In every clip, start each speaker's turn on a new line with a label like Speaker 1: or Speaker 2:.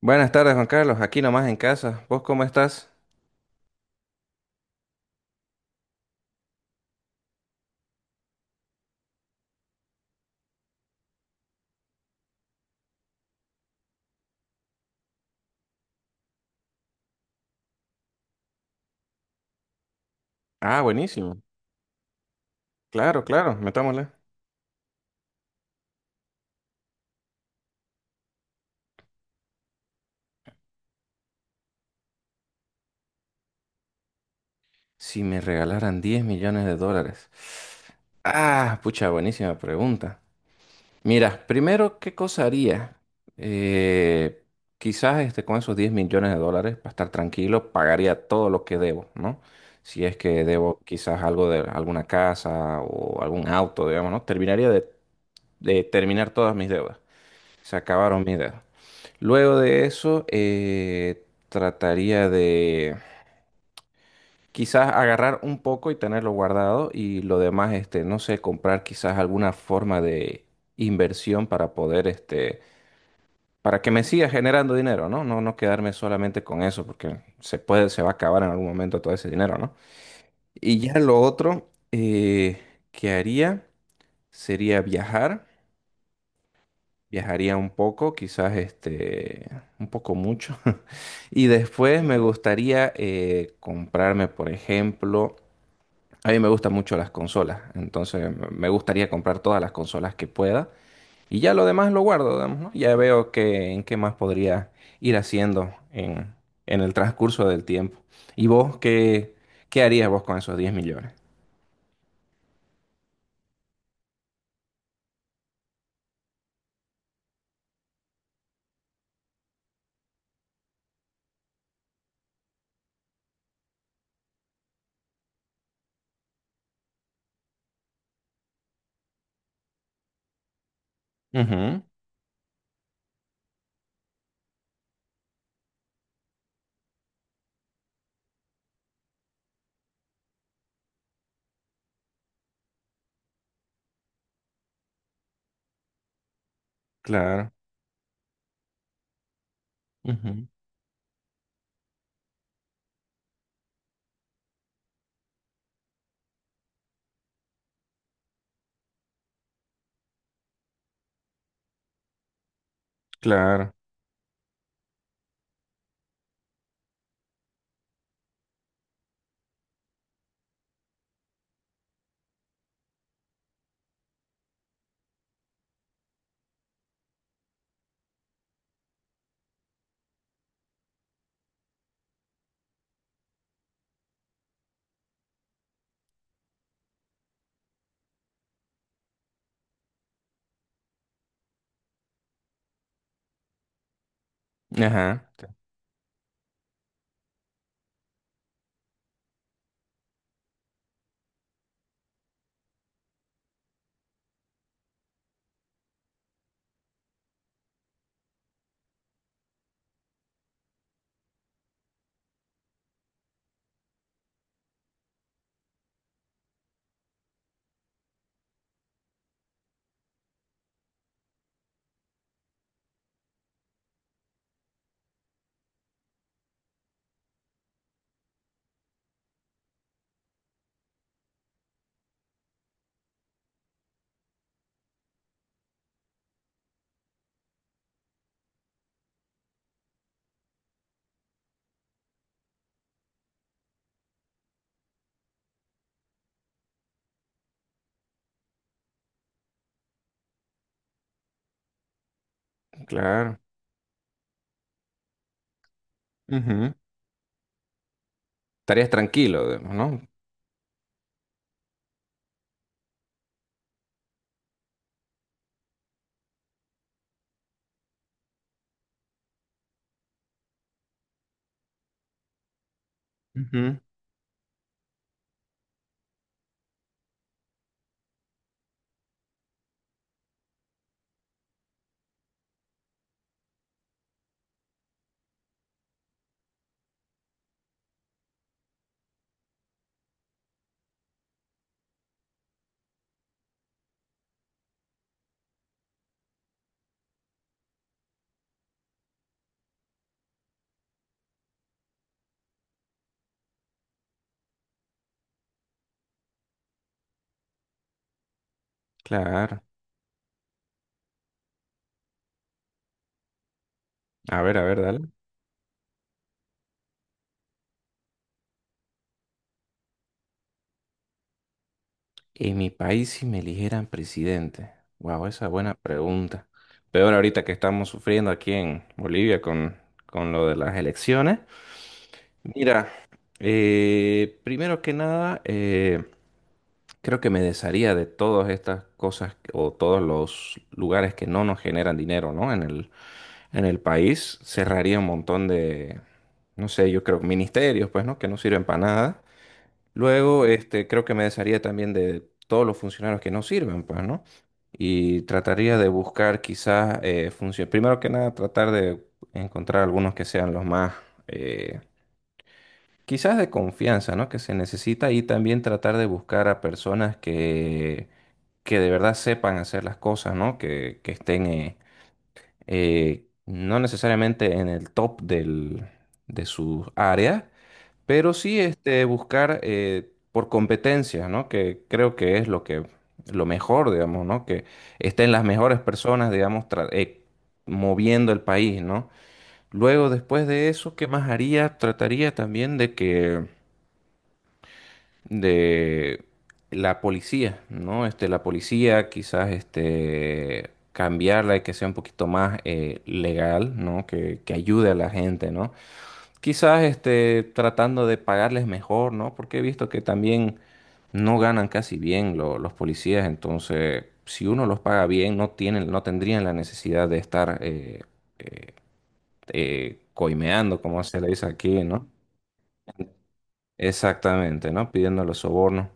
Speaker 1: Buenas tardes, Juan Carlos. Aquí nomás en casa. ¿Vos cómo estás? Ah, buenísimo. Claro, claro, metámosle. Si me regalaran 10 millones de dólares. Ah, pucha, buenísima pregunta. Mira, primero, ¿qué cosa haría? Eh, Quizás este, con esos 10 millones de dólares, para estar tranquilo, pagaría todo lo que debo, ¿no? Si es que debo quizás algo de alguna casa o algún auto, digamos, ¿no? Terminaría de terminar todas mis deudas. Se acabaron mis dedos. Luego de eso, trataría de quizás agarrar un poco y tenerlo guardado y lo demás, este, no sé, comprar quizás alguna forma de inversión para poder, este, para que me siga generando dinero, ¿no? No, no quedarme solamente con eso porque se puede, se va a acabar en algún momento todo ese dinero, ¿no? Y ya lo otro, que haría sería viajar. Viajaría un poco, quizás este, un poco mucho. Y después me gustaría, comprarme, por ejemplo, a mí me gustan mucho las consolas, entonces me gustaría comprar todas las consolas que pueda y ya lo demás lo guardo, digamos, ¿no? Ya veo que, en qué más podría ir haciendo en el transcurso del tiempo. ¿Y vos qué, qué harías vos con esos diez millones? Ujú, claro, ujú, claro, ajá, claro, ujú. Estarías tranquilo, digamos, ¿no? Ujú, claro. A ver, dale. En mi país, si me eligieran presidente. Wow, esa es buena pregunta. Peor ahorita que estamos sufriendo aquí en Bolivia con lo de las elecciones. Mira, primero que nada, creo que me desharía de todas estas cosas o todos los lugares que no nos generan dinero, ¿no? En el país cerraría un montón de, no sé, yo creo, ministerios, pues, ¿no? Que no sirven para nada. Luego, este, creo que me desharía también de todos los funcionarios que no sirven, pues, ¿no? Y trataría de buscar quizás, funciones. Primero que nada, tratar de encontrar algunos que sean los más, eh, quizás de confianza, ¿no? Que se necesita y también tratar de buscar a personas que de verdad sepan hacer las cosas, ¿no? Que estén, no necesariamente en el top del, de sus áreas, pero sí, este, buscar, por competencias, ¿no? Que creo que es lo que, lo mejor, digamos, ¿no? Que estén las mejores personas, digamos, moviendo el país, ¿no? Luego, después de eso, ¿qué más haría? Trataría también de que, de la policía, ¿no? Este, la policía quizás, este, cambiarla y que sea un poquito más, legal, ¿no? Que ayude a la gente, ¿no? Quizás este, tratando de pagarles mejor, ¿no? Porque he visto que también no ganan casi bien los policías, entonces si uno los paga bien, no tienen, no tendrían la necesidad de estar, eh, coimeando, como se le dice aquí, ¿no? Exactamente, ¿no? Pidiendo los sobornos.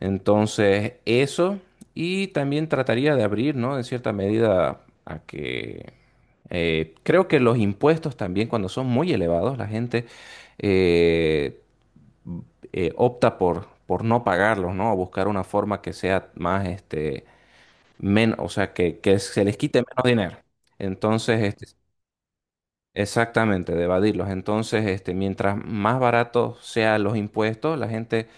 Speaker 1: Entonces, eso, y también trataría de abrir, ¿no? En cierta medida a que, creo que los impuestos también, cuando son muy elevados, la gente, eh, opta por no pagarlos, ¿no? O buscar una forma que sea más, este, menos, o sea, que se les quite menos dinero. Entonces, este, exactamente, de evadirlos. Entonces, este, mientras más baratos sean los impuestos, la gente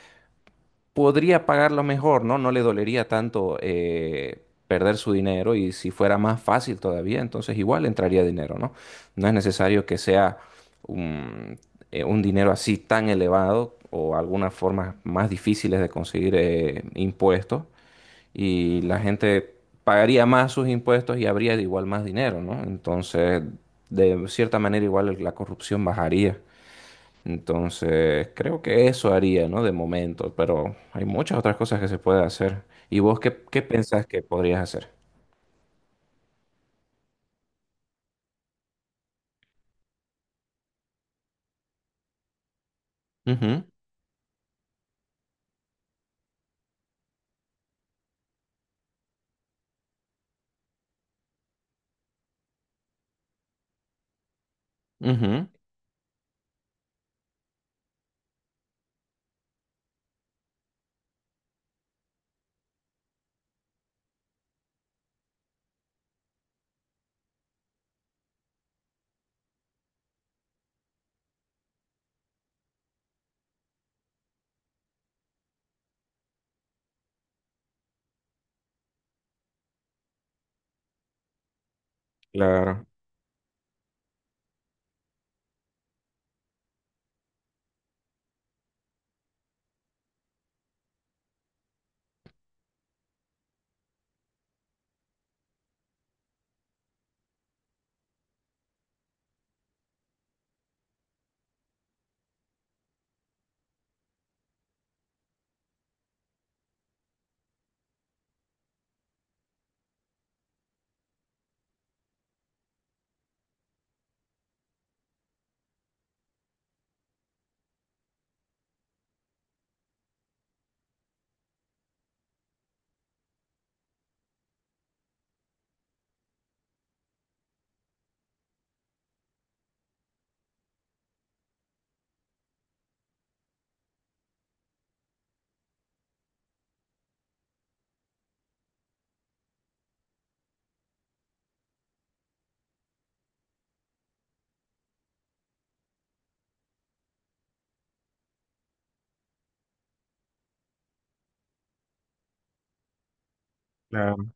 Speaker 1: podría pagarlo mejor, ¿no? No le dolería tanto, perder su dinero y si fuera más fácil todavía, entonces igual entraría dinero, ¿no? No es necesario que sea un, un dinero así tan elevado o algunas formas más difíciles de conseguir, impuestos y la gente pagaría más sus impuestos y habría de igual más dinero, ¿no? Entonces, de cierta manera igual la corrupción bajaría. Entonces, creo que eso haría, ¿no? De momento, pero hay muchas otras cosas que se puede hacer. ¿Y vos qué, pensás que podrías hacer? Ujú, ujú, claro, claro.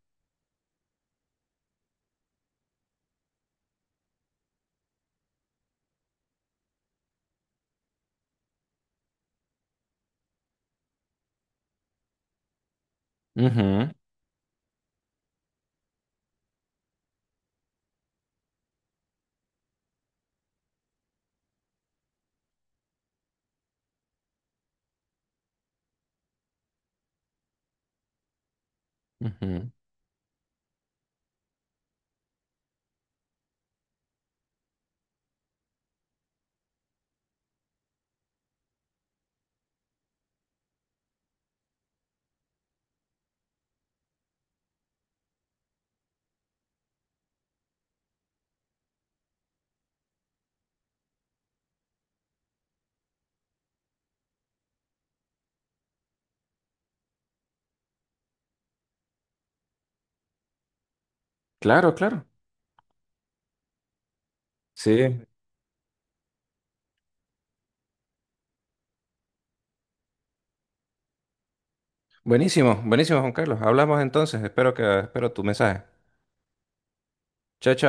Speaker 1: Ujú, ujú. Claro, claro. Sí. Buenísimo, buenísimo, Juan Carlos. Hablamos entonces. Espero tu mensaje. Chao, chao.